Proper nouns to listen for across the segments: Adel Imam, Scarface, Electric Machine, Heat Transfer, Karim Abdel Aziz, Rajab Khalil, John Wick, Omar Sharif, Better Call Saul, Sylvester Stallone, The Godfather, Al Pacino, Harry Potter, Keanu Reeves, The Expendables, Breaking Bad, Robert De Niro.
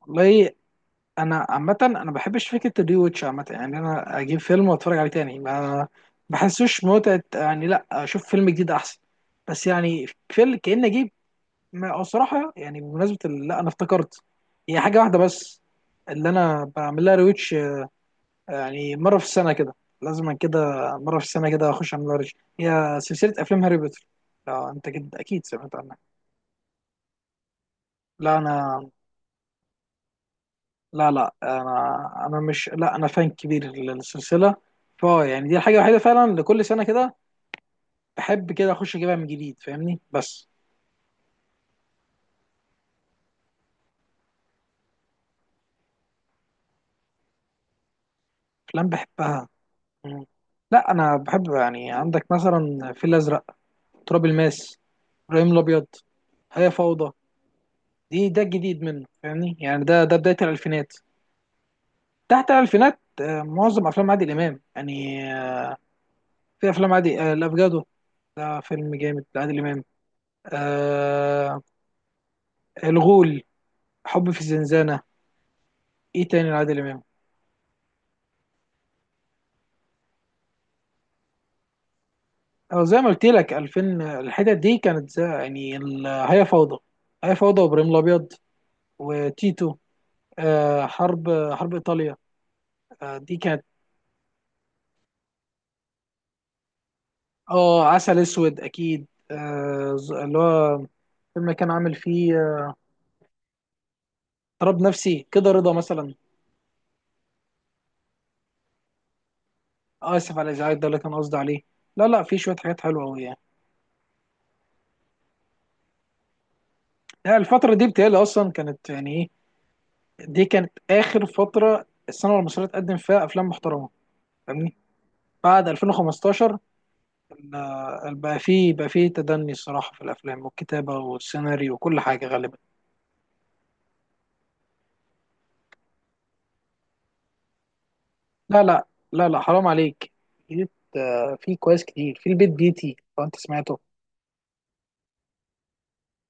والله، انا عامه انا ما بحبش فكره الري واتش عامه، يعني انا اجيب فيلم واتفرج عليه تاني ما بحسوش متعه. يعني لا، اشوف فيلم جديد احسن. بس يعني فيلم كأني اجيب. او صراحه، يعني بمناسبه لا، انا افتكرت، هي حاجه واحده بس اللي انا بعمل لها ريوتش، يعني مره في السنه كده. لازم كده. مره في السنه كده اخش اعمل لها ريوتش، هي سلسله افلام هاري بوتر. لو انت كده اكيد سمعت عنها. لا انا. لا لا انا انا مش لا انا فان كبير للسلسله. فا يعني دي الحاجه الوحيده فعلا، لكل سنه كده بحب كده اخش اجيبها من جديد، فاهمني بس. افلام بحبها. مم. لا، انا بحب، يعني عندك مثلا الفيل الازرق، تراب الماس، ابراهيم الابيض، هي فوضى. دي الجديد منه، فاهمني؟ يعني ده بدايه الالفينات. تحت الالفينات، معظم افلام عادل امام، يعني في افلام عادي. الافجادو ده فيلم جامد لعادل امام، آه. الغول، حب في الزنزانه. ايه تاني لعادل امام؟ اه زي ما قلت لك، 2000 الحتت دي كانت، زي يعني هي فوضى، هي فوضى، وابراهيم الابيض، وتيتو. آه، حرب ايطاليا. آه، دي كانت. اه، عسل اسود اكيد. اللي هو فيلم كان عامل فيه اضطراب نفسي، كده رضا مثلا. آه، اسف على الازعاج، ده اللي كان قصدي عليه. لا لا، في شويه حاجات حلوه قوي يعني. لا، الفتره دي بتهيألي اصلا كانت يعني ايه، دي كانت اخر فتره السينما المصريه تقدم فيها افلام محترمه، فاهمني؟ بعد 2015 لا، بقى فيه، بقى فيه تدني الصراحة في الأفلام والكتابة والسيناريو وكل حاجة غالبا. لا حرام عليك. جيت، آه، في كويس كتير. في البيت بيتي، لو أنت سمعته.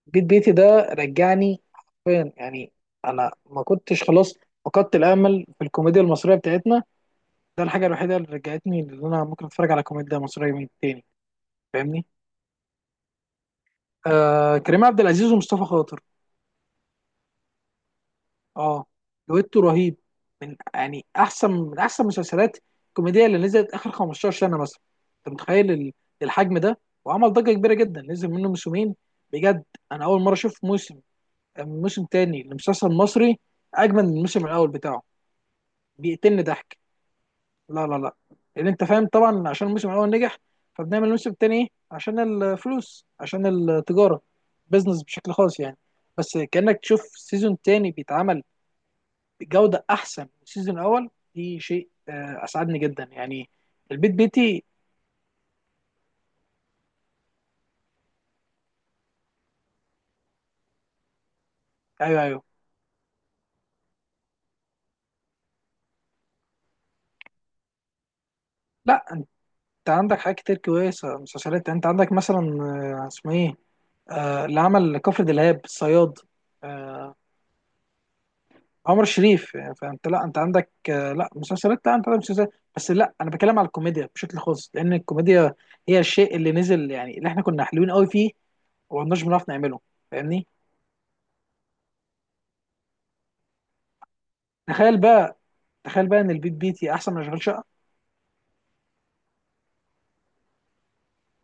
البيت بيتي ده رجعني حرفيا، يعني أنا ما كنتش، خلاص فقدت الأمل في الكوميديا المصرية بتاعتنا. ده الحاجة الوحيدة اللي رجعتني، اللي أنا ممكن أتفرج على كوميديا مصرية من تاني، فاهمني؟ آه، كريم عبد العزيز ومصطفى خاطر. اه، دويتو رهيب، من يعني احسن من احسن مسلسلات الكوميديه اللي نزلت اخر 15 سنه مثلا. انت متخيل الحجم ده؟ وعمل ضجه كبيره جدا، نزل منه موسمين. بجد، انا اول مره اشوف موسم تاني لمسلسل مصري اجمل من الموسم الاول بتاعه. بيقتلني ضحك. لا، لان انت فاهم طبعا، عشان الموسم الاول نجح، فبنعمل الموسم التاني إيه؟ عشان الفلوس، عشان التجاره، بزنس، بشكل خاص يعني. بس كانك تشوف سيزون تاني بيتعمل بجوده احسن من السيزون الاول، دي شيء اسعدني جدا يعني. البيت بيتي. ايوه ايوه، لا انت عندك حاجات كتير كويسه. مسلسلات، انت عندك مثلا، آه، اسمه ايه، آه، اللي عمل كفر دلهاب، الصياد. آه، عمر شريف، يعني فانت، لا انت عندك، آه، لا مسلسلات، لا انت عندك مسلسلات. بس لا، انا بتكلم على الكوميديا بشكل خاص، لان الكوميديا هي الشيء اللي نزل يعني، اللي احنا كنا حلوين قوي فيه وما كناش بنعرف نعمله، فاهمني؟ تخيل بقى، تخيل بقى ان البيت بيتي احسن من اشغال شقه.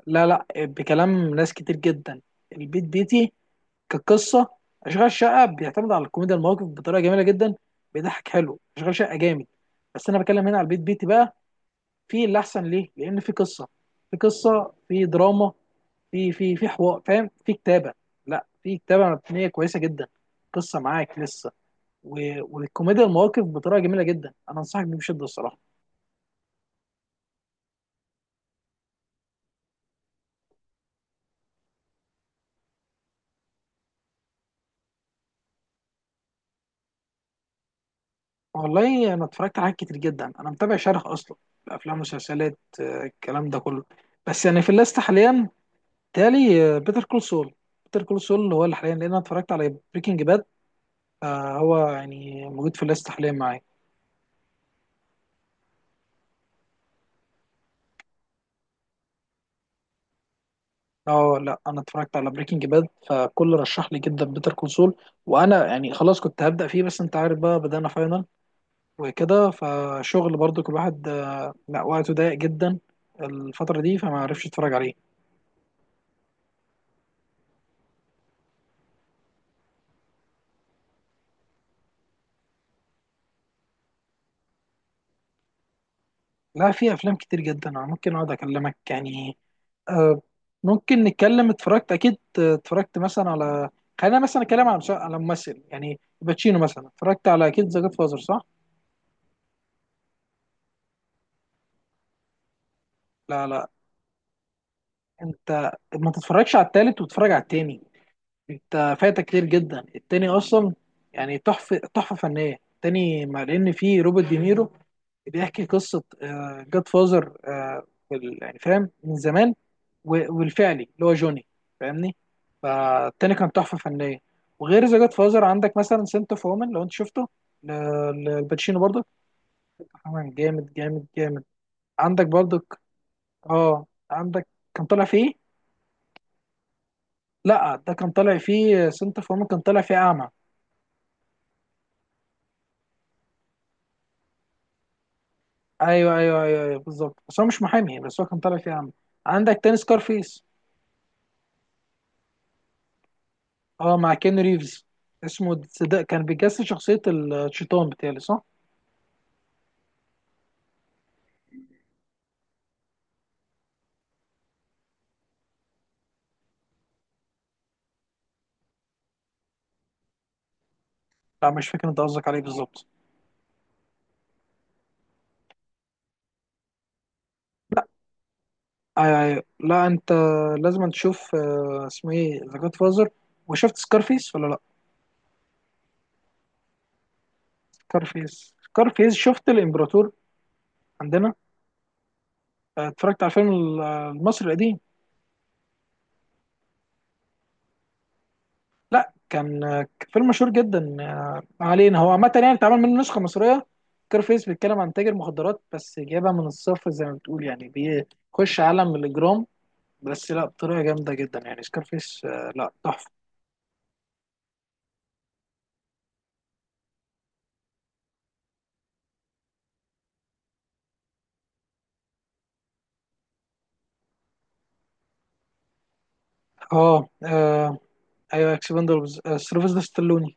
لا لا، بكلام ناس كتير جدا البيت بيتي، كقصة. أشغال شقة بيعتمد على الكوميديا المواقف بطريقة جميلة جدا، بيضحك حلو، أشغال شقة جامد. بس أنا بتكلم هنا على البيت بيتي بقى، في اللي أحسن ليه، لأن في قصة، في قصة، في دراما، في حوار، فاهم، في كتابة، لا في كتابة مبنية كويسة جدا. قصة، معاك لسه؟ والكوميديا المواقف بطريقة جميلة جدا، أنا أنصحك بيه بشدة الصراحة. والله، انا اتفرجت على حاجات كتير جدا، انا متابع شرح اصلا الافلام والمسلسلات، الكلام ده كله. بس يعني في الليست حاليا، تالي، بيتر كول سول. بيتر كول سول هو اللي حاليا، لان انا اتفرجت على بريكنج باد، فهو يعني موجود في الليست حاليا معايا. اه لا، انا اتفرجت على بريكنج باد، فكل رشح لي جدا بيتر كول سول. وانا يعني خلاص، كنت هبدا فيه، بس انت عارف بقى، بدانا فاينل وكده، فشغل برضو كل واحد، لا وقته ضيق جدا الفتره دي، فما عرفش اتفرج عليه. لا، في افلام كتير جدا، انا ممكن اقعد اكلمك يعني، آه. ممكن نتكلم، اتفرجت اكيد، اتفرجت مثلا على، خلينا مثلا اتكلم على على ممثل يعني باتشينو، مثلا اتفرجت على اكيد ذا جاد فازر، صح؟ لا لا، انت ما تتفرجش على التالت وتتفرج على التاني. انت فايتك كتير جدا التاني اصلا. يعني تحفه، تحفه فنيه التاني، مع ان فيه روبرت دينيرو بيحكي قصه جاد فازر، يعني فاهم من زمان، والفعلي اللي هو جوني، فاهمني؟ فالتاني كان تحفه فنيه. وغير ذا جاد فازر، عندك مثلا سنت اوف وومن لو انت شفته، ل- للباتشينو برضه، كمان جامد جامد جامد. عندك برضك، اه، عندك، كان طالع فيه. لا ده كان طالع فيه سنت اوف وومن، كان طالع فيه اعمى. ايوه ايوه ايوه، أيوة بالظبط، بس هو مش محامي، بس هو كان طالع فيه عم. عندك تاني سكارفيس. اه مع كين ريفز، اسمه ده، كان بيجسد شخصية الشيطان، بتاعي صح؟ لا مش فاكر انت قصدك عليه بالظبط. لا، ايوه ايوه، لا انت لازم تشوف، آه، اسمه ايه، ذا جاد فازر. وشفت سكارفيس ولا لا؟ سكارفيس، سكارفيس، شفت الامبراطور عندنا؟ آه، اتفرجت على الفيلم المصري القديم. لا كان، كان فيلم مشهور جدا، آه، ما علينا، هو عامة يعني اتعمل منه نسخة مصرية. كارفيس بيتكلم عن تاجر مخدرات، بس جايبها من الصفر زي ما بتقول يعني، بيخش عالم الإجرام، بس لا بطريقة جامدة جدا يعني. سكارفيس آه، لا تحفة. اه، آه، ايوه اكسبندبلز. آه، سيلفستر ستالوني.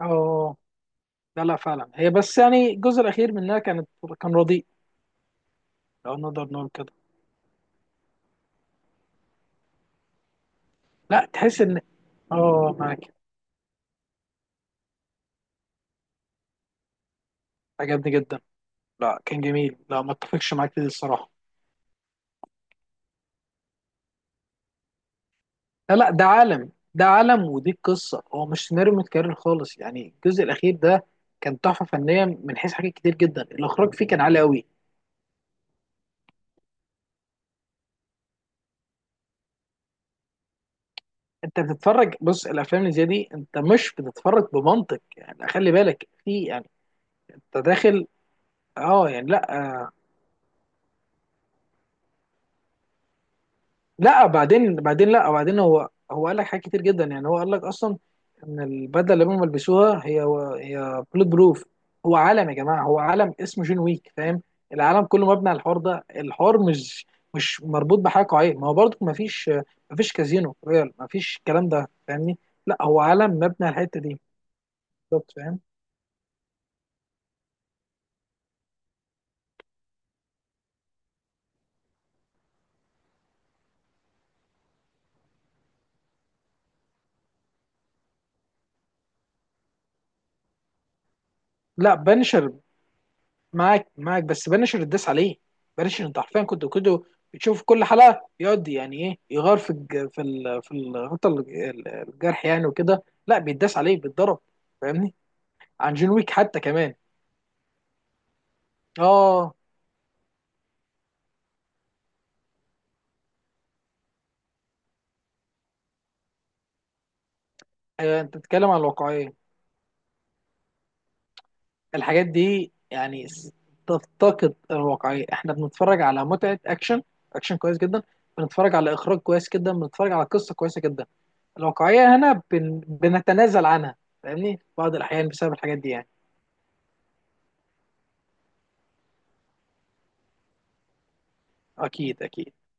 اه لا لا، فعلا هي، بس يعني الجزء الأخير منها كانت، كان رديء، لو نقدر نقول كده. لا، تحس ان، اه معاك. عجبني جدا، لا كان جميل، لا ما اتفقش معاك دي الصراحة. لا لا، ده عالم، ده عالم ودي القصه، هو مش سيناريو متكرر خالص يعني. الجزء الاخير ده كان تحفه فنيه من حيث حاجات كتير جدا، الاخراج فيه كان عالي قوي. انت بتتفرج، بص الافلام اللي زي دي انت مش بتتفرج بمنطق، يعني خلي بالك في يعني، انت داخل. اه يعني لا، لا بعدين، بعدين لا بعدين، هو قال لك حاجات كتير جدا يعني، هو قال لك اصلا ان البدله اللي هم بيلبسوها هي، هي بلوت بروف. هو عالم يا جماعه، هو عالم اسمه جون ويك، فاهم؟ العالم كله مبني على الحوار ده، الحوار مش مربوط بحاجه قويه، ما هو برضك ما فيش، ما فيش كازينو ريال، ما فيش الكلام ده، فاهمني؟ لا هو عالم مبني على الحته دي، بالظبط، فاهم؟ لا بنشر، معاك معاك، بس بنشر الداس عليه. بنشر انت حرفيا كنت كده بتشوف كل حلقه يقعد يعني ايه، يغار في الغطا الجرح يعني، وكده لا بيتداس عليه، بيتضرب، فاهمني؟ عن جون ويك حتى كمان، اه. أيوة، انت بتتكلم عن الواقعيه، الحاجات دي يعني تفتقد الواقعيه. احنا بنتفرج على متعه اكشن، اكشن كويس جدا. بنتفرج على اخراج كويس جدا، بنتفرج على قصه كويسه جدا. الواقعيه هنا بنتنازل عنها، فاهمني؟ بعض الاحيان بسبب الحاجات دي يعني. اكيد اكيد.